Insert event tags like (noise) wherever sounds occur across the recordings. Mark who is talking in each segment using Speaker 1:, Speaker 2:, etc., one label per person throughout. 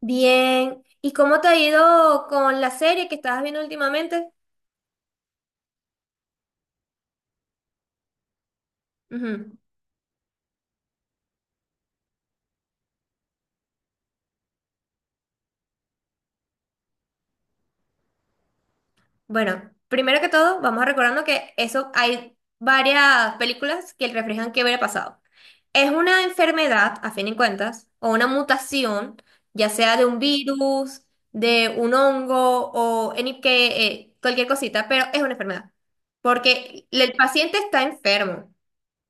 Speaker 1: Bien. ¿Y cómo te ha ido con la serie que estabas viendo últimamente? Ujú. Bueno, primero que todo, vamos recordando que eso hay varias películas que reflejan qué hubiera pasado. Es una enfermedad, a fin de cuentas, o una mutación, ya sea de un virus, de un hongo o en que, cualquier cosita, pero es una enfermedad. Porque el paciente está enfermo,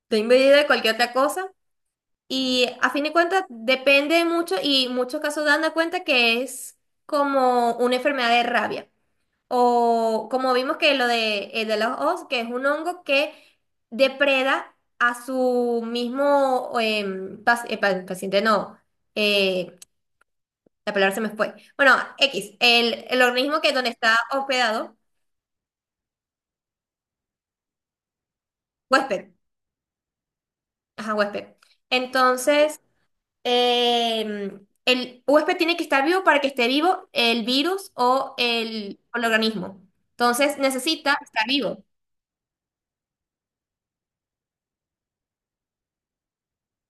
Speaker 1: está invadido de cualquier otra cosa. Y a fin de cuentas depende mucho y muchos casos dan cuenta que es como una enfermedad de rabia. O como vimos que lo de los os, que es un hongo que depreda a su mismo paciente, no, eh, la palabra se me fue. Bueno, X, el organismo que donde está hospedado, huésped, ajá, huésped. Entonces eh, el huésped tiene que estar vivo para que esté vivo el virus o el organismo. Entonces necesita estar vivo.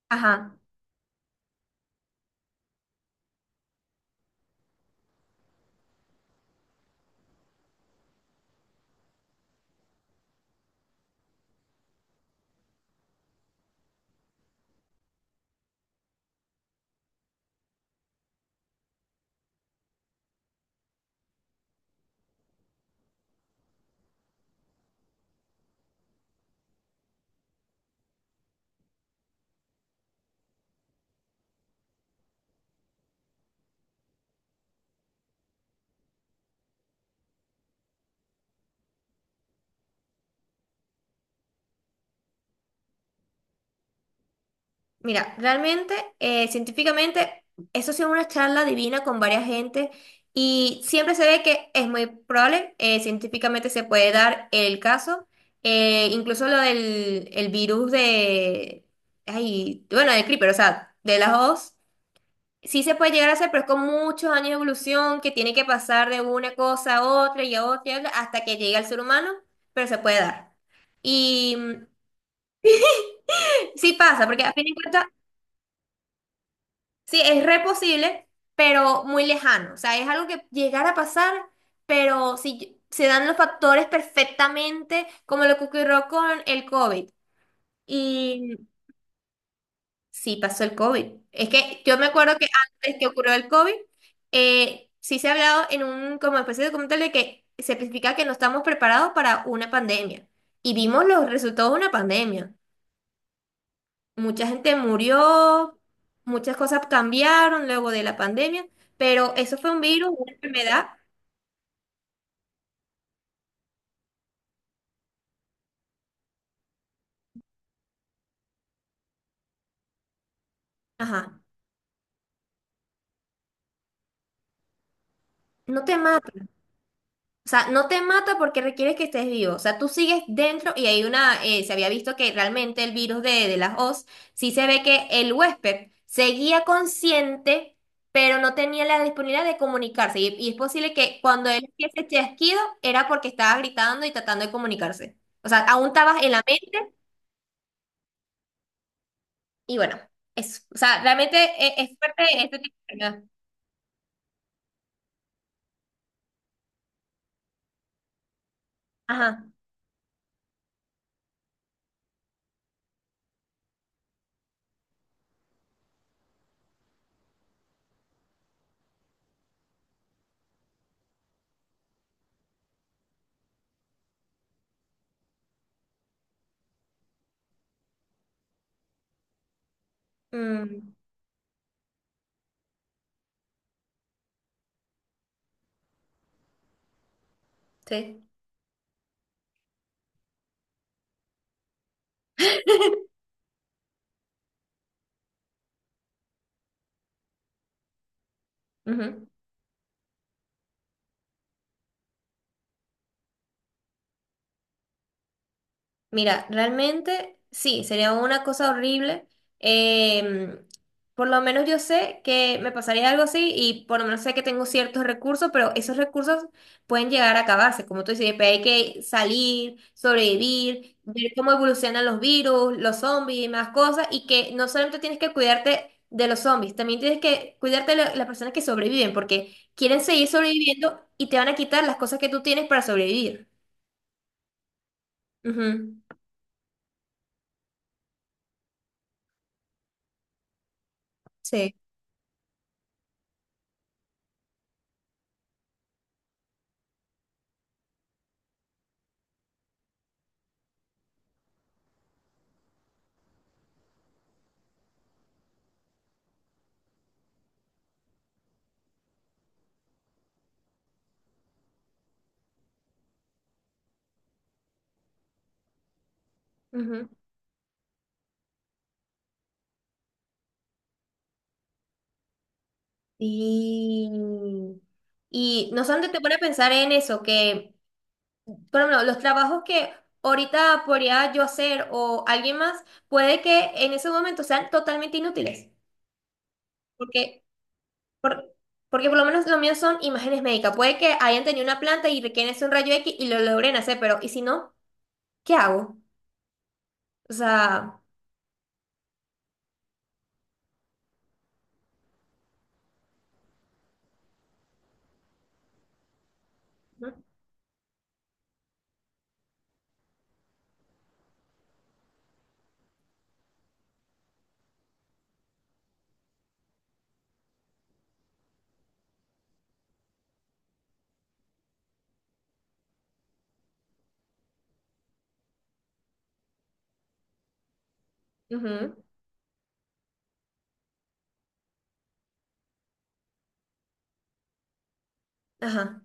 Speaker 1: Ajá. Mira, realmente, científicamente, eso ha sido una charla divina con varias gente y siempre se ve que es muy probable, científicamente se puede dar el caso, incluso lo del el virus de, ay, bueno, del creeper, o sea, de las dos. Sí se puede llegar a hacer, pero es con muchos años de evolución que tiene que pasar de una cosa a otra y a otra y a otra, hasta que llegue al ser humano, pero se puede dar. Y sí pasa, porque a fin de cuentas, sí, es re posible, pero muy lejano. O sea, es algo que llegar a pasar, pero si se dan los factores perfectamente, como lo que ocurrió con el COVID. Y sí, pasó el COVID. Es que yo me acuerdo que antes que ocurrió el COVID, sí se ha hablado en un como especie de documental de que se especifica que no estamos preparados para una pandemia. Y vimos los resultados de una pandemia. Mucha gente murió, muchas cosas cambiaron luego de la pandemia, pero eso fue un virus, una enfermedad. Ajá. No te mata. O sea, no te mata porque requiere que estés vivo. O sea, tú sigues dentro y hay una, se había visto que realmente el virus de las Oz, sí se ve que el huésped seguía consciente, pero no tenía la disponibilidad de comunicarse. Y es posible que cuando él hacía ese chasquido era porque estaba gritando y tratando de comunicarse. O sea, aún estabas en la mente y bueno, eso. O sea, realmente es fuerte este tipo de enfermedad. Ajá. Mm, sí. (laughs) Ujú. Mira, realmente sí, sería una cosa horrible. Em, por lo menos yo sé que me pasaría algo así y por lo menos sé que tengo ciertos recursos, pero esos recursos pueden llegar a acabarse. Como tú dices, después hay que salir, sobrevivir, ver cómo evolucionan los virus, los zombies y más cosas. Y que no solamente tienes que cuidarte de los zombies, también tienes que cuidarte de las personas que sobreviven, porque quieren seguir sobreviviendo y te van a quitar las cosas que tú tienes para sobrevivir. Ujú. Sí. Ujú. Sí. Y no solamente te pone a pensar en eso, que, por ejemplo, los trabajos que ahorita podría yo hacer o alguien más, puede que en ese momento sean totalmente inútiles. Porque, por, porque por lo menos los míos son imágenes médicas. Puede que hayan tenido una planta y requieren hacer un rayo X y lo logren hacer, pero ¿y si no? ¿Qué hago? O sea, ujú, ujú, ajá.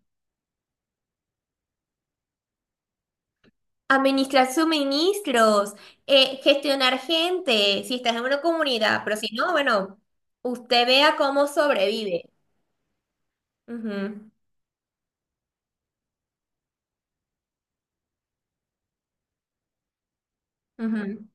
Speaker 1: Administrar suministros, gestionar gente, si estás en una comunidad, pero si no, bueno, usted vea cómo sobrevive. Ujú, ujú.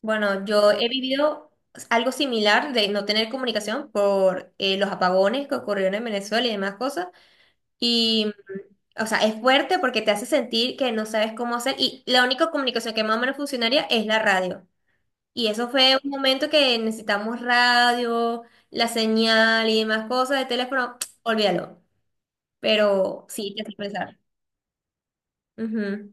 Speaker 1: Bueno, yo he vivido algo similar de no tener comunicación por los apagones que ocurrieron en Venezuela y demás cosas. Y o sea, es fuerte porque te hace sentir que no sabes cómo hacer y la única comunicación que más o menos funcionaría es la radio. Y eso fue un momento que necesitamos radio, la señal y demás cosas de teléfono, (tsk) olvídalo. Pero sí, te hace pensar. Ujú.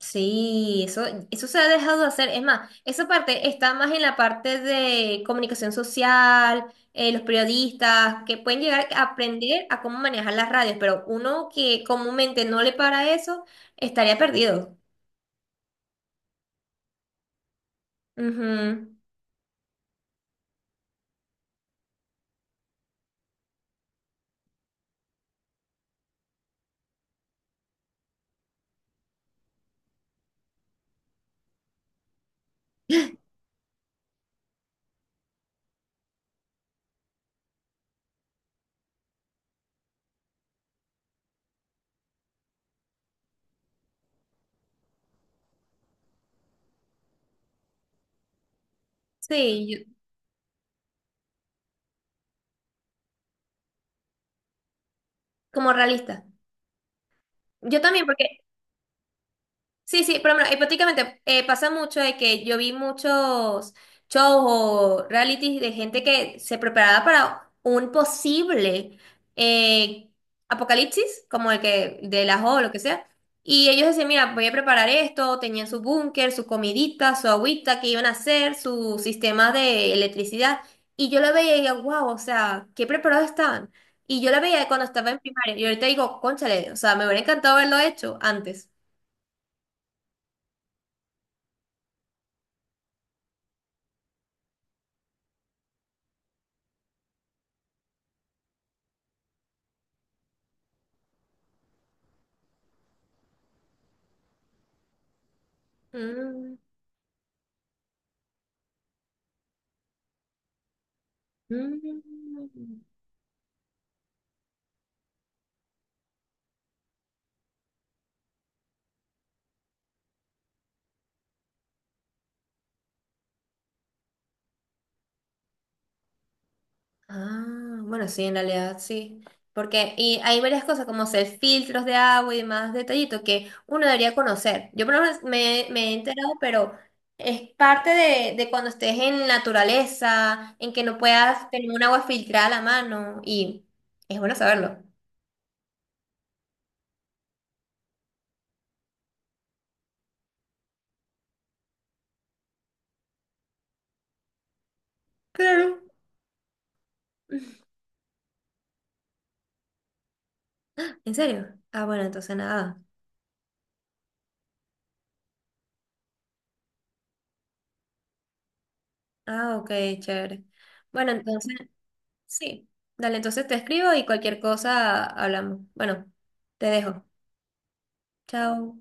Speaker 1: Sí, eso se ha dejado de hacer. Es más, esa parte está más en la parte de comunicación social, los periodistas, que pueden llegar a aprender a cómo manejar las radios, pero uno que comúnmente no le para eso, estaría perdido. Ujú. Sí, yo, como realista. Yo también, porque sí, sí, pero bueno, hipotéticamente pasa mucho de que yo vi muchos shows o realities de gente que se preparaba para un posible eh, apocalipsis, como el que de las o lo que sea, y ellos decían, mira, voy a preparar esto, tenían su búnker, su comidita, su agüita que iban a hacer, su sistema de electricidad, y yo lo veía y digo, wow, o sea, qué preparados estaban. Y yo la veía cuando estaba en primaria, y ahorita digo, cónchale, o sea, me hubiera encantado haberlo hecho antes. Mm. Mm. Ah, bueno, sí, en realidad sí. Porque y hay varias cosas como hacer filtros de agua y más detallitos que uno debería conocer. Yo por lo menos me he enterado, pero es parte de cuando estés en naturaleza, en que no puedas tener un agua filtrada a la mano y es bueno saberlo. Claro. (laughs) ¿En serio? Ah, bueno, entonces nada. Ah, ok, chévere. Bueno, entonces sí. Dale, entonces te escribo y cualquier cosa hablamos. Bueno, te dejo. Chao.